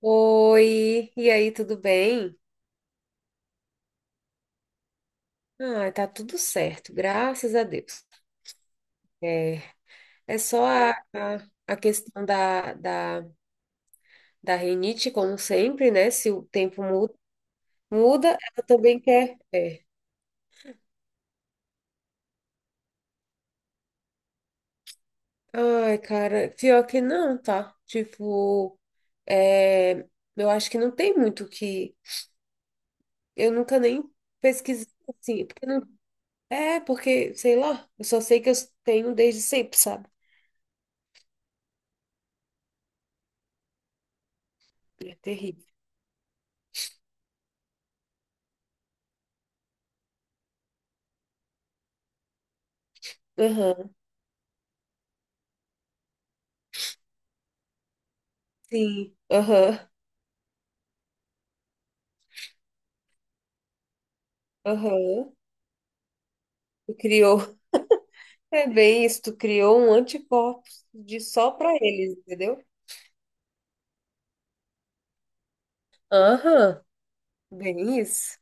Oi, e aí, tudo bem? Ah, tá tudo certo, graças a Deus. É, é só a questão da rinite, como sempre, né? Se o tempo muda, muda, ela também quer. É. Ai, cara, pior que não, tá? Tipo, é, eu acho que não tem muito o que. Eu nunca nem pesquisei assim, porque não. É, porque, sei lá, eu só sei que eu tenho desde sempre, sabe? É terrível. Aham. Sim, aham, aham. Tu criou. É bem isso, tu criou um anticorpo de só pra eles, entendeu? Aham, bem isso.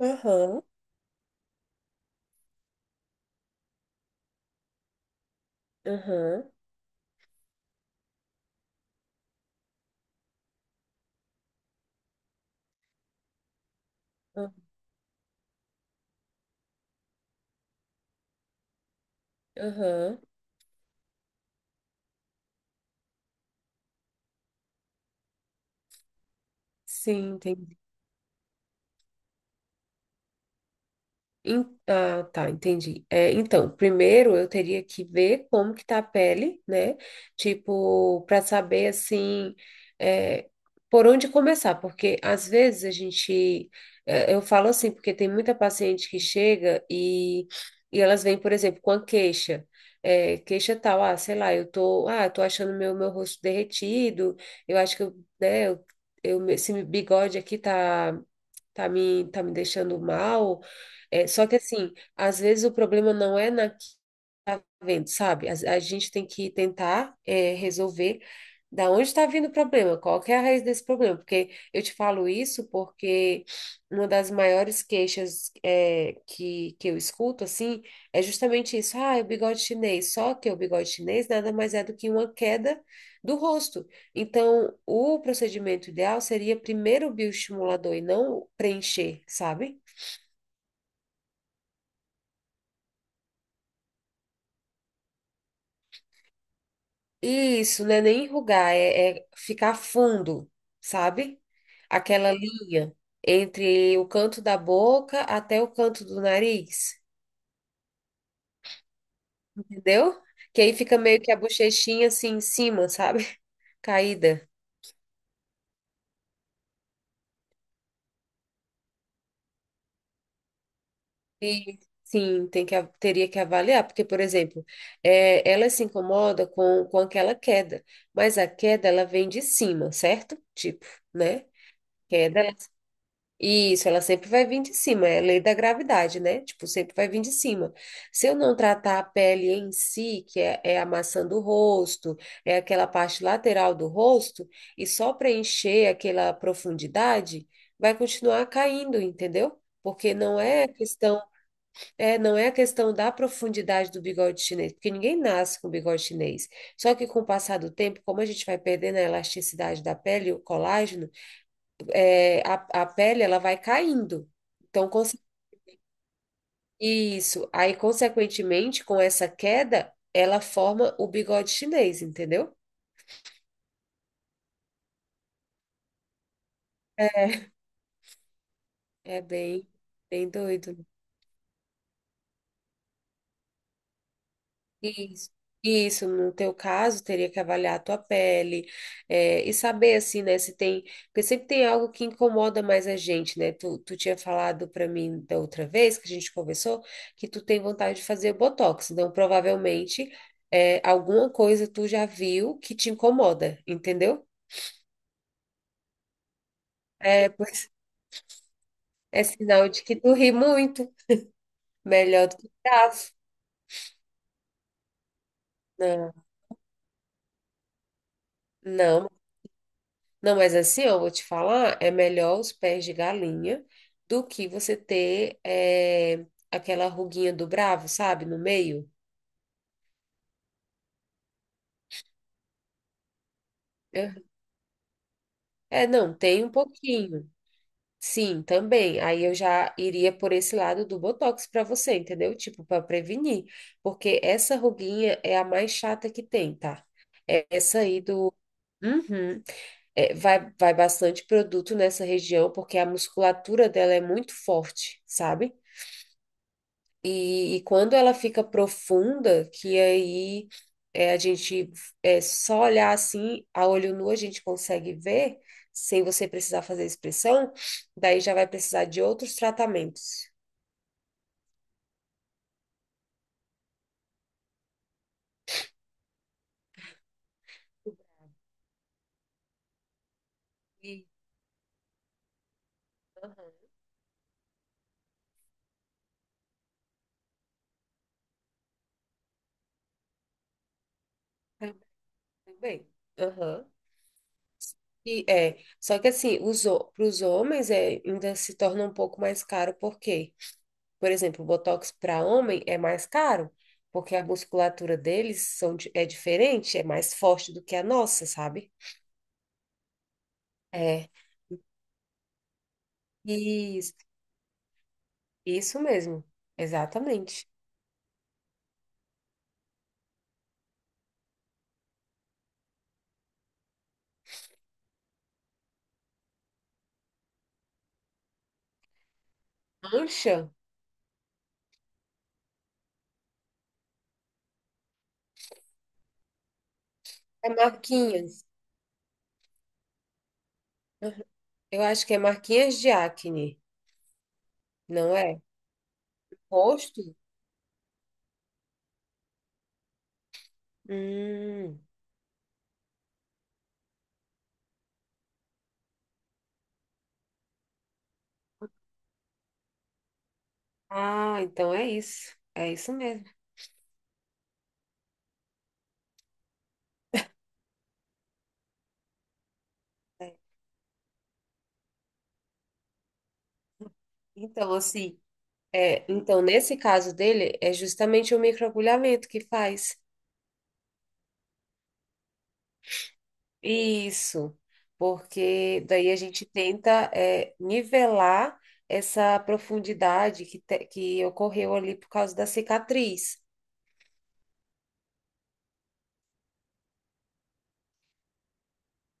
Aham, aham, ah- aham. Sim, entendi. Ah, tá, entendi. É, então, primeiro eu teria que ver como que tá a pele, né? Tipo, para saber assim, é, por onde começar, porque às vezes eu falo assim, porque tem muita paciente que chega e elas vêm, por exemplo, com a queixa, queixa tal, ah, sei lá, eu tô achando meu rosto derretido, eu acho que eu, né, eu, esse bigode aqui tá me deixando mal. É, só que assim, às vezes o problema não é na vendo, sabe? A gente tem que tentar resolver da onde está vindo o problema, qual que é a raiz desse problema, porque eu te falo isso porque uma das maiores queixas é, que eu escuto, assim, é justamente isso, ah, é o bigode chinês, só que o bigode chinês nada mais é do que uma queda do rosto. Então, o procedimento ideal seria primeiro o bioestimulador e não preencher, sabe? Isso, não é nem enrugar, é ficar fundo, sabe? Aquela linha entre o canto da boca até o canto do nariz, entendeu? Que aí fica meio que a bochechinha assim em cima, sabe? Caída. E sim, tem que, teria que avaliar, porque, por exemplo, ela se incomoda com aquela queda, mas a queda ela vem de cima, certo? Tipo, né? Queda Isso, ela sempre vai vir de cima, é a lei da gravidade, né? Tipo, sempre vai vir de cima. Se eu não tratar a pele em si, que é a maçã do rosto, é aquela parte lateral do rosto, e só preencher aquela profundidade, vai continuar caindo, entendeu? Porque não é a questão, é, não é a questão da profundidade do bigode chinês, porque ninguém nasce com bigode chinês. Só que com o passar do tempo, como a gente vai perdendo a elasticidade da pele, o colágeno, é, a, a pele ela vai caindo. Então, isso. Aí, consequentemente, com essa queda, ela forma o bigode chinês, entendeu? É bem, bem doido. Isso, isso, no teu caso, teria que avaliar a tua pele, e saber, assim, né, se tem, porque sempre tem algo que incomoda mais a gente, né, tu tinha falado para mim da outra vez que a gente conversou, que tu tem vontade de fazer botox, então provavelmente alguma coisa tu já viu que te incomoda, entendeu? É, pois é sinal de que tu ri muito, melhor do que tava. Não, não. Não, mas assim, eu vou te falar, é melhor os pés de galinha do que você ter aquela ruguinha do bravo, sabe, no meio. Aham. É, não, tem um pouquinho. Sim, também. Aí eu já iria por esse lado do botox para você, entendeu? Tipo, para prevenir, porque essa ruguinha é a mais chata que tem, tá? É Essa aí do Uhum. É, vai bastante produto nessa região porque a musculatura dela é muito forte, sabe? E quando ela fica profunda, que aí a gente é só olhar assim, a olho nu a gente consegue ver, sem você precisar fazer expressão, daí já vai precisar de outros tratamentos. E, aham. tam- Também. Aham. E só que assim, para os homens ainda se torna um pouco mais caro, porque, por exemplo, o Botox para homem é mais caro, porque a musculatura deles é diferente, é mais forte do que a nossa, sabe? É. Isso, isso mesmo. Exatamente. Mancha é marquinhas. Uhum. Eu acho que é marquinhas de acne, não é? Rosto? Hum. Ah, então é isso. É isso mesmo. É. Então, assim, então nesse caso dele, é justamente o microagulhamento que faz. Isso, porque daí a gente tenta nivelar essa profundidade que ocorreu ali por causa da cicatriz.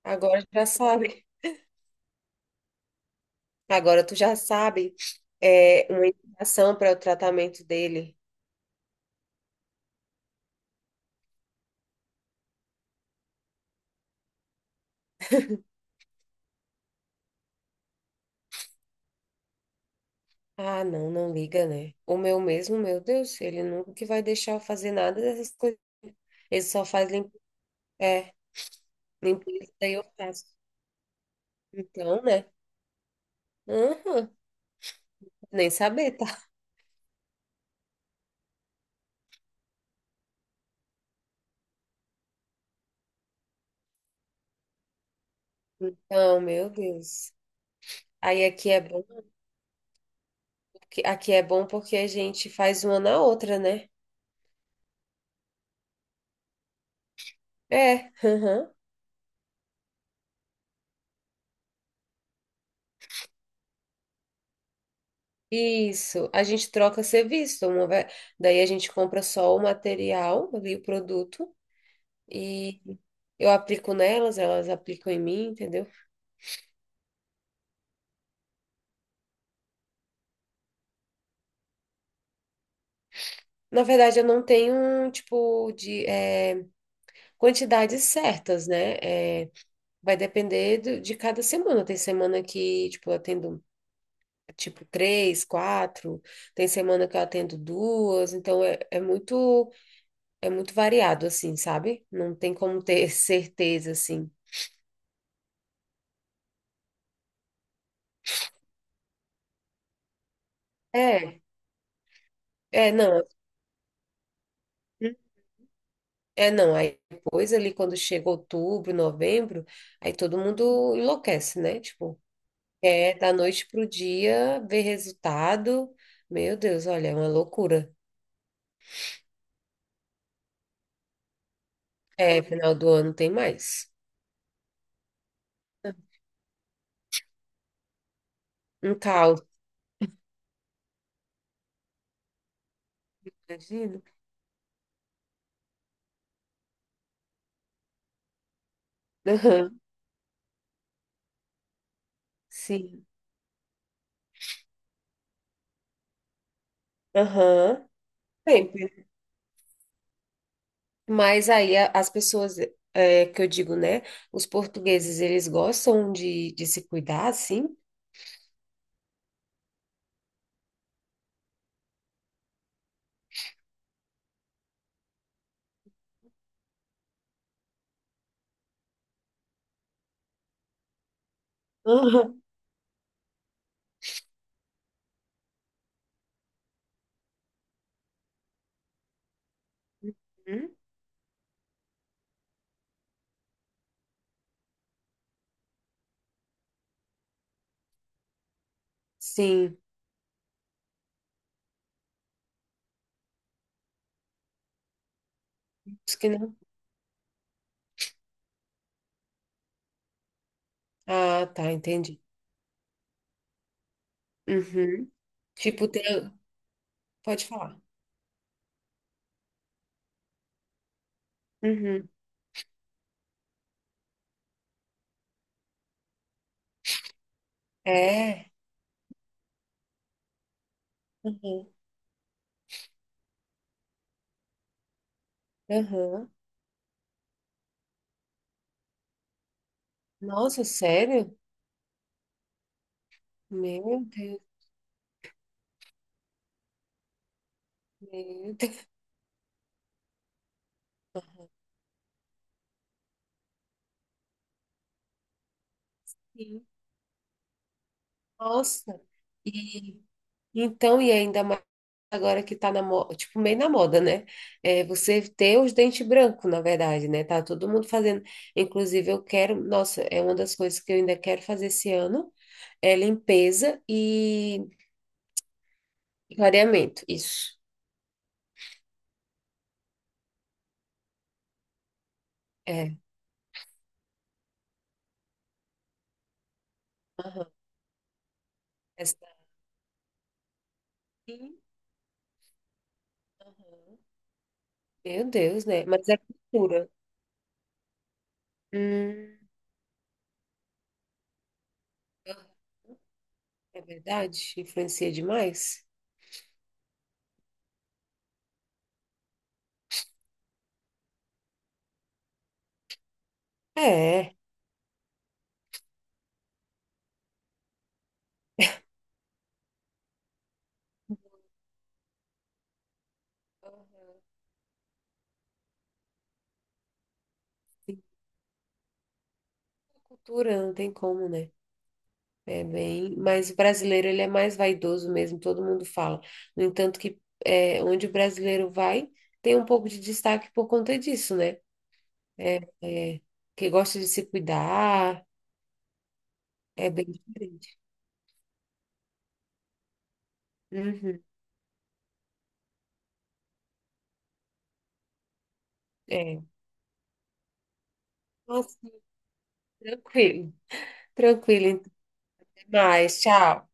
Agora já sabe, agora tu já sabe uma indicação para o tratamento dele. Ah, não, não liga, né? O meu mesmo, meu Deus, ele nunca que vai deixar eu fazer nada dessas coisas. Ele só faz é, limpeza, daí eu faço. Então, né? Aham, nem saber, tá? Não, meu Deus. Aí aqui é bom, aqui é bom porque a gente faz uma na outra, né? É, aham. Isso. A gente troca serviço, daí a gente compra só o material ali, o produto, e eu aplico nelas, elas aplicam em mim, entendeu? Na verdade, eu não tenho, um tipo, de quantidades certas, né? Vai depender de cada semana. Tem semana que, tipo, eu atendo tipo três, quatro. Tem semana que eu atendo duas, então é muito variado assim, sabe? Não tem como ter certeza assim. É, é não, assim, é não. Aí depois ali quando chega outubro, novembro, aí todo mundo enlouquece, né? Tipo, é da noite pro dia ver resultado. Meu Deus, olha, é uma loucura. É, final do ano tem mais. Um caos, imagino. Aham, sim. Aham. Bem, mas aí as pessoas, que eu digo, né? Os portugueses, eles gostam de se cuidar, assim? Aham. Hum? Sim. Acho que não. Ah, tá, entendi. Uhum. Tipo, pode falar. Uhum. É. Uhum. Uhum. Nossa, sério? Meu Deus, meu Deus. Sim. Nossa. E então, e ainda mais, agora que tá na moda, tipo, meio na moda, né? É você ter os dentes brancos, na verdade, né? Tá todo mundo fazendo. Inclusive, eu quero, nossa, é uma das coisas que eu ainda quero fazer esse ano, é limpeza e clareamento. Isso. É. Aham. Essa daí, aham. Meu Deus, né? Mas é cultura. Hum, é verdade? Influencia demais? É. Aham. Cultura, não tem como, né? É bem, mas o brasileiro ele é mais vaidoso mesmo, todo mundo fala. No entanto que onde o brasileiro vai, tem um pouco de destaque por conta disso, né? É, é, que gosta de se cuidar, é bem diferente. Uhum, é. Nossa, tranquilo, tranquilo, então, até mais, tchau.